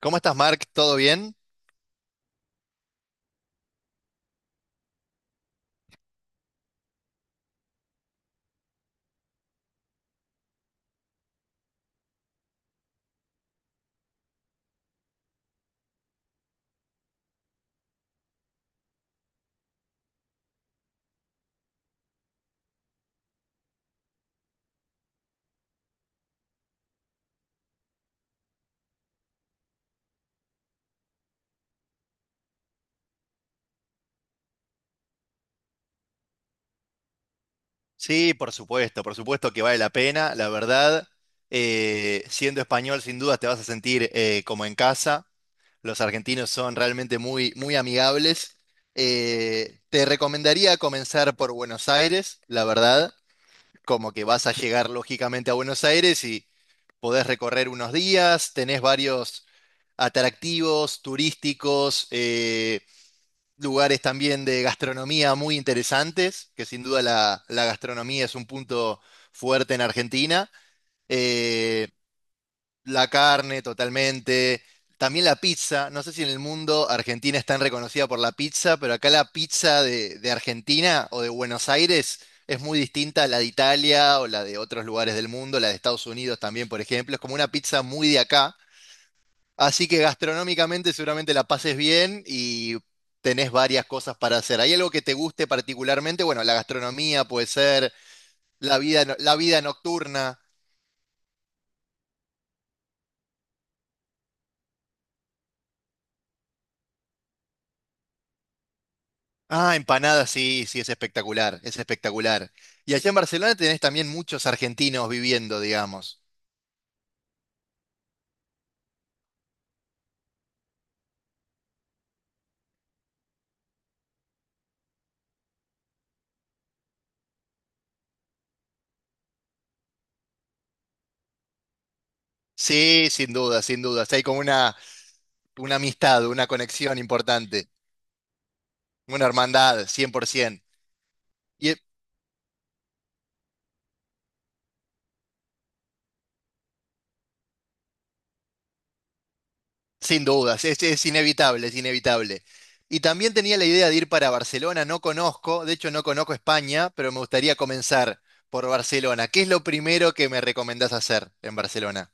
¿Cómo estás, Mark? ¿Todo bien? Sí, por supuesto que vale la pena. La verdad, siendo español, sin duda te vas a sentir como en casa. Los argentinos son realmente muy amigables. Te recomendaría comenzar por Buenos Aires, la verdad, como que vas a llegar lógicamente a Buenos Aires y podés recorrer unos días, tenés varios atractivos turísticos. Lugares también de gastronomía muy interesantes, que sin duda la gastronomía es un punto fuerte en Argentina. Eh, la carne totalmente, también la pizza. No sé si en el mundo Argentina es tan reconocida por la pizza, pero acá la pizza de Argentina o de Buenos Aires es muy distinta a la de Italia o la de otros lugares del mundo, la de Estados Unidos también, por ejemplo. Es como una pizza muy de acá. Así que gastronómicamente seguramente la pases bien y tenés varias cosas para hacer. ¿Hay algo que te guste particularmente? Bueno, la gastronomía puede ser, la vida, no- la vida nocturna. Ah, empanadas, sí, sí, es espectacular, es espectacular. Y allá en Barcelona tenés también muchos argentinos viviendo, digamos. Sí, sin duda, sin duda. Sí, hay como una amistad, una conexión importante, una hermandad, 100%. Y, Sin dudas, es inevitable, es inevitable. Y también tenía la idea de ir para Barcelona, no conozco, de hecho no conozco España, pero me gustaría comenzar por Barcelona. ¿Qué es lo primero que me recomendás hacer en Barcelona?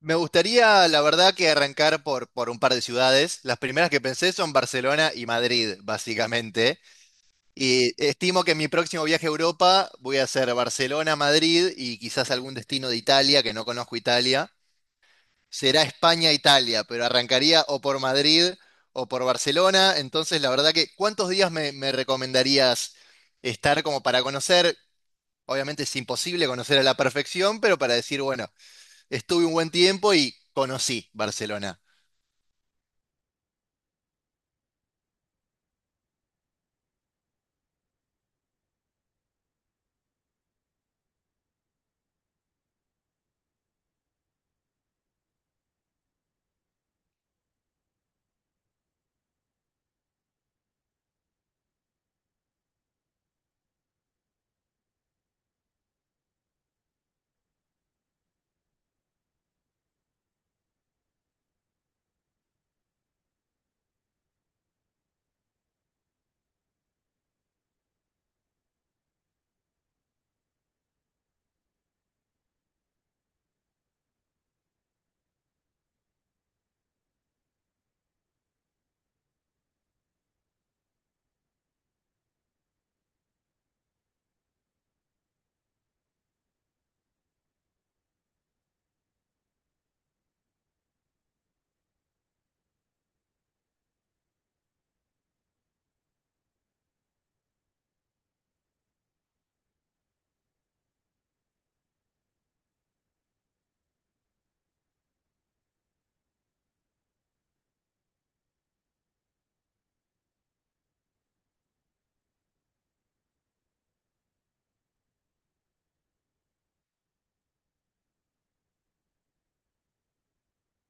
Me gustaría, la verdad, que arrancar por un par de ciudades. Las primeras que pensé son Barcelona y Madrid, básicamente. Y estimo que en mi próximo viaje a Europa voy a hacer Barcelona, Madrid y quizás algún destino de Italia, que no conozco Italia. Será España-Italia, pero arrancaría o por Madrid o por Barcelona. Entonces, la verdad que, ¿cuántos días me recomendarías estar como para conocer? Obviamente es imposible conocer a la perfección, pero para decir, bueno, estuve un buen tiempo y conocí Barcelona.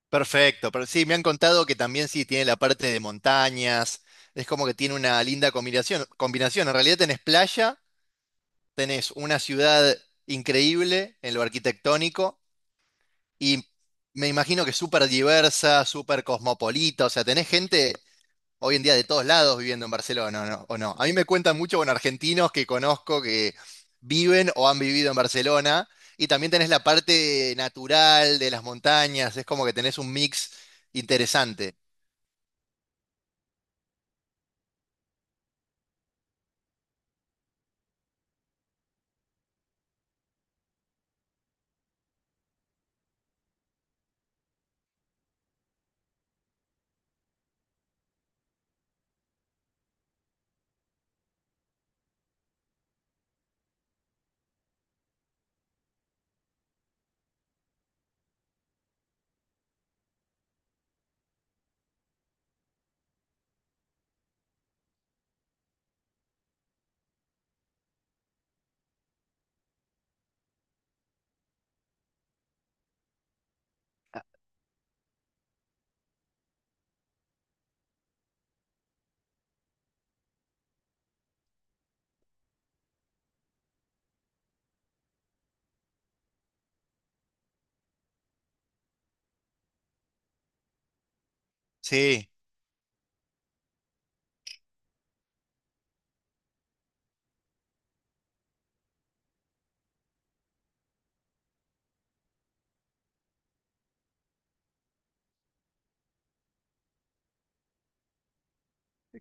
Perfecto, pero sí, me han contado que también sí tiene la parte de montañas, es como que tiene una linda combinación. En realidad tenés playa, tenés una ciudad increíble en lo arquitectónico. Y me imagino que súper diversa, súper cosmopolita, o sea, tenés gente hoy en día de todos lados viviendo en Barcelona, ¿no? ¿O no? A mí me cuentan mucho con argentinos que conozco que viven o han vivido en Barcelona, y también tenés la parte natural de las montañas, es como que tenés un mix interesante. Sí,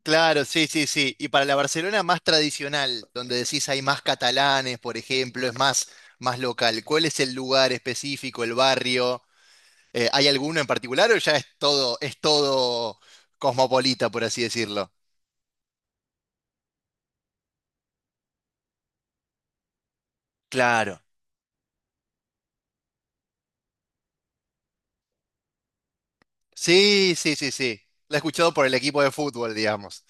claro, sí, sí, sí. Y para la Barcelona más tradicional, donde decís hay más catalanes, por ejemplo, es más, más local, ¿cuál es el lugar específico, el barrio? ¿Hay alguno en particular o ya es todo cosmopolita, por así decirlo? Claro. Sí, sí, sí, sí. La he escuchado por el equipo de fútbol, digamos.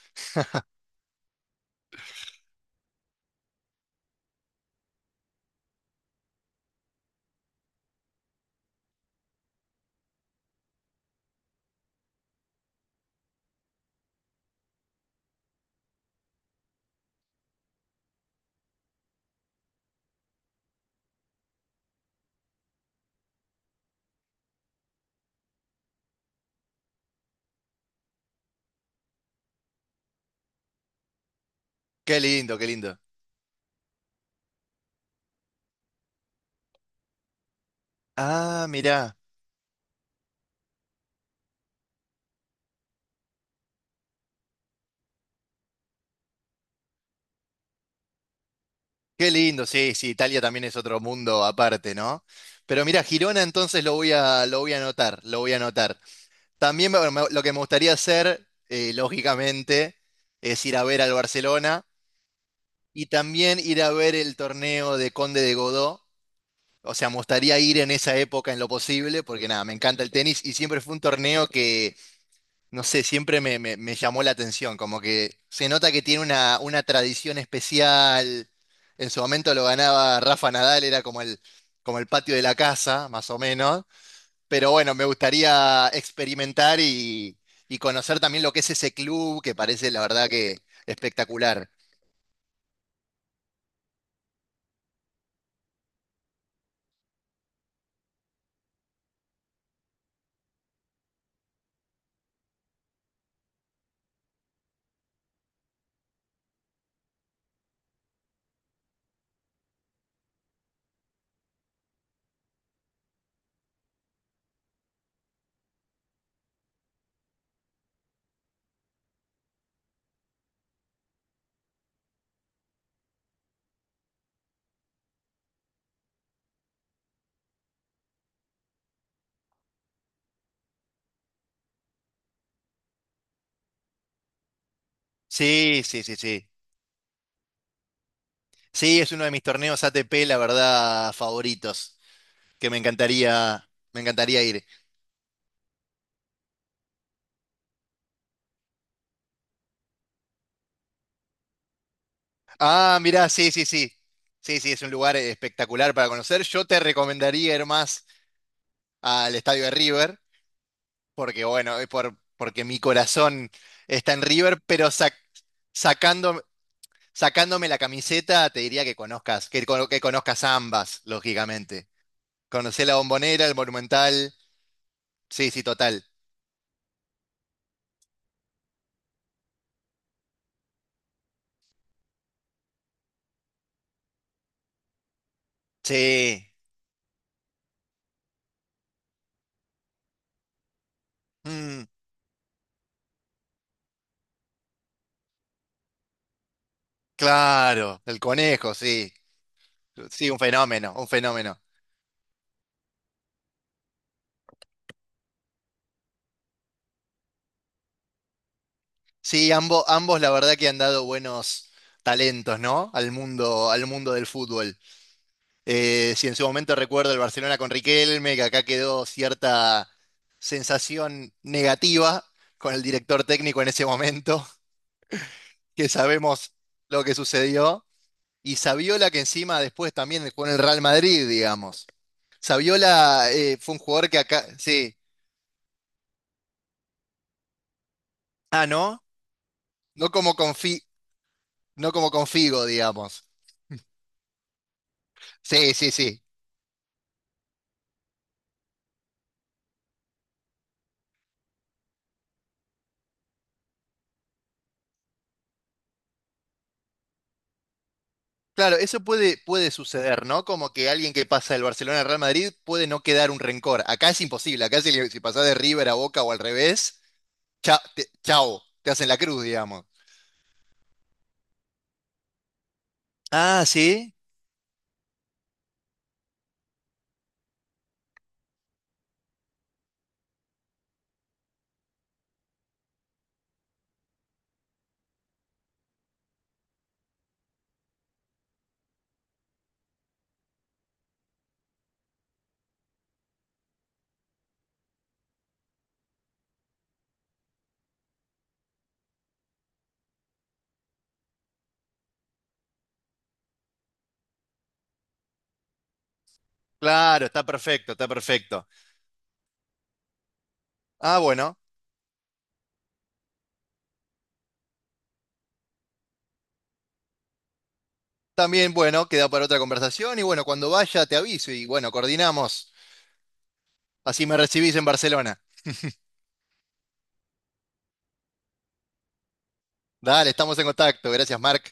Qué lindo, qué lindo. Ah, mirá. Qué lindo, sí, sí, Italia también es otro mundo aparte, ¿no? Pero mira, Girona entonces lo voy a anotar, lo voy a anotar. También lo que me gustaría hacer, lógicamente, es ir a ver al Barcelona y también ir a ver el torneo de Conde de Godó. O sea, me gustaría ir en esa época en lo posible, porque nada, me encanta el tenis y siempre fue un torneo que, no sé, me llamó la atención, como que se nota que tiene una tradición especial. En su momento lo ganaba Rafa Nadal, era como el patio de la casa, más o menos. Pero bueno, me gustaría experimentar y conocer también lo que es ese club, que parece la verdad que espectacular. Sí, sí, sí, sí. Sí, es uno de mis torneos ATP, la verdad, favoritos. Que me encantaría ir. Ah, mirá, sí, sí, sí. Sí, sí, es un lugar espectacular para conocer. Yo te recomendaría ir más al estadio de River, porque bueno, porque mi corazón está en River, pero sacando, sacándome la camiseta, te diría que conozcas, que conozcas ambas, lógicamente. Conocé la Bombonera, el Monumental. Sí, sí, total. Sí. Mm, claro, el conejo, sí. Sí, un fenómeno, un fenómeno. Sí, ambos, ambos la verdad que han dado buenos talentos, ¿no? Al mundo del fútbol. Si en su momento recuerdo el Barcelona con Riquelme, que acá quedó cierta sensación negativa con el director técnico en ese momento, que sabemos lo que sucedió. Y Saviola, que encima después también jugó en el Real Madrid, digamos. Saviola fue un jugador que acá. Sí. Ah, ¿no? No como con Fi- no como con Figo, digamos. Sí, sí, sí. Claro, eso puede, puede suceder, ¿no? Como que alguien que pasa del Barcelona al Real Madrid puede no quedar un rencor. Acá es imposible, acá si pasás de River a Boca o al revés, chao, te hacen la cruz, digamos. Ah, sí, claro, está perfecto, está perfecto. Ah, bueno, también, bueno, queda para otra conversación y bueno, cuando vaya te aviso y bueno, coordinamos. Así me recibís en Barcelona. Dale, estamos en contacto. Gracias, Marc.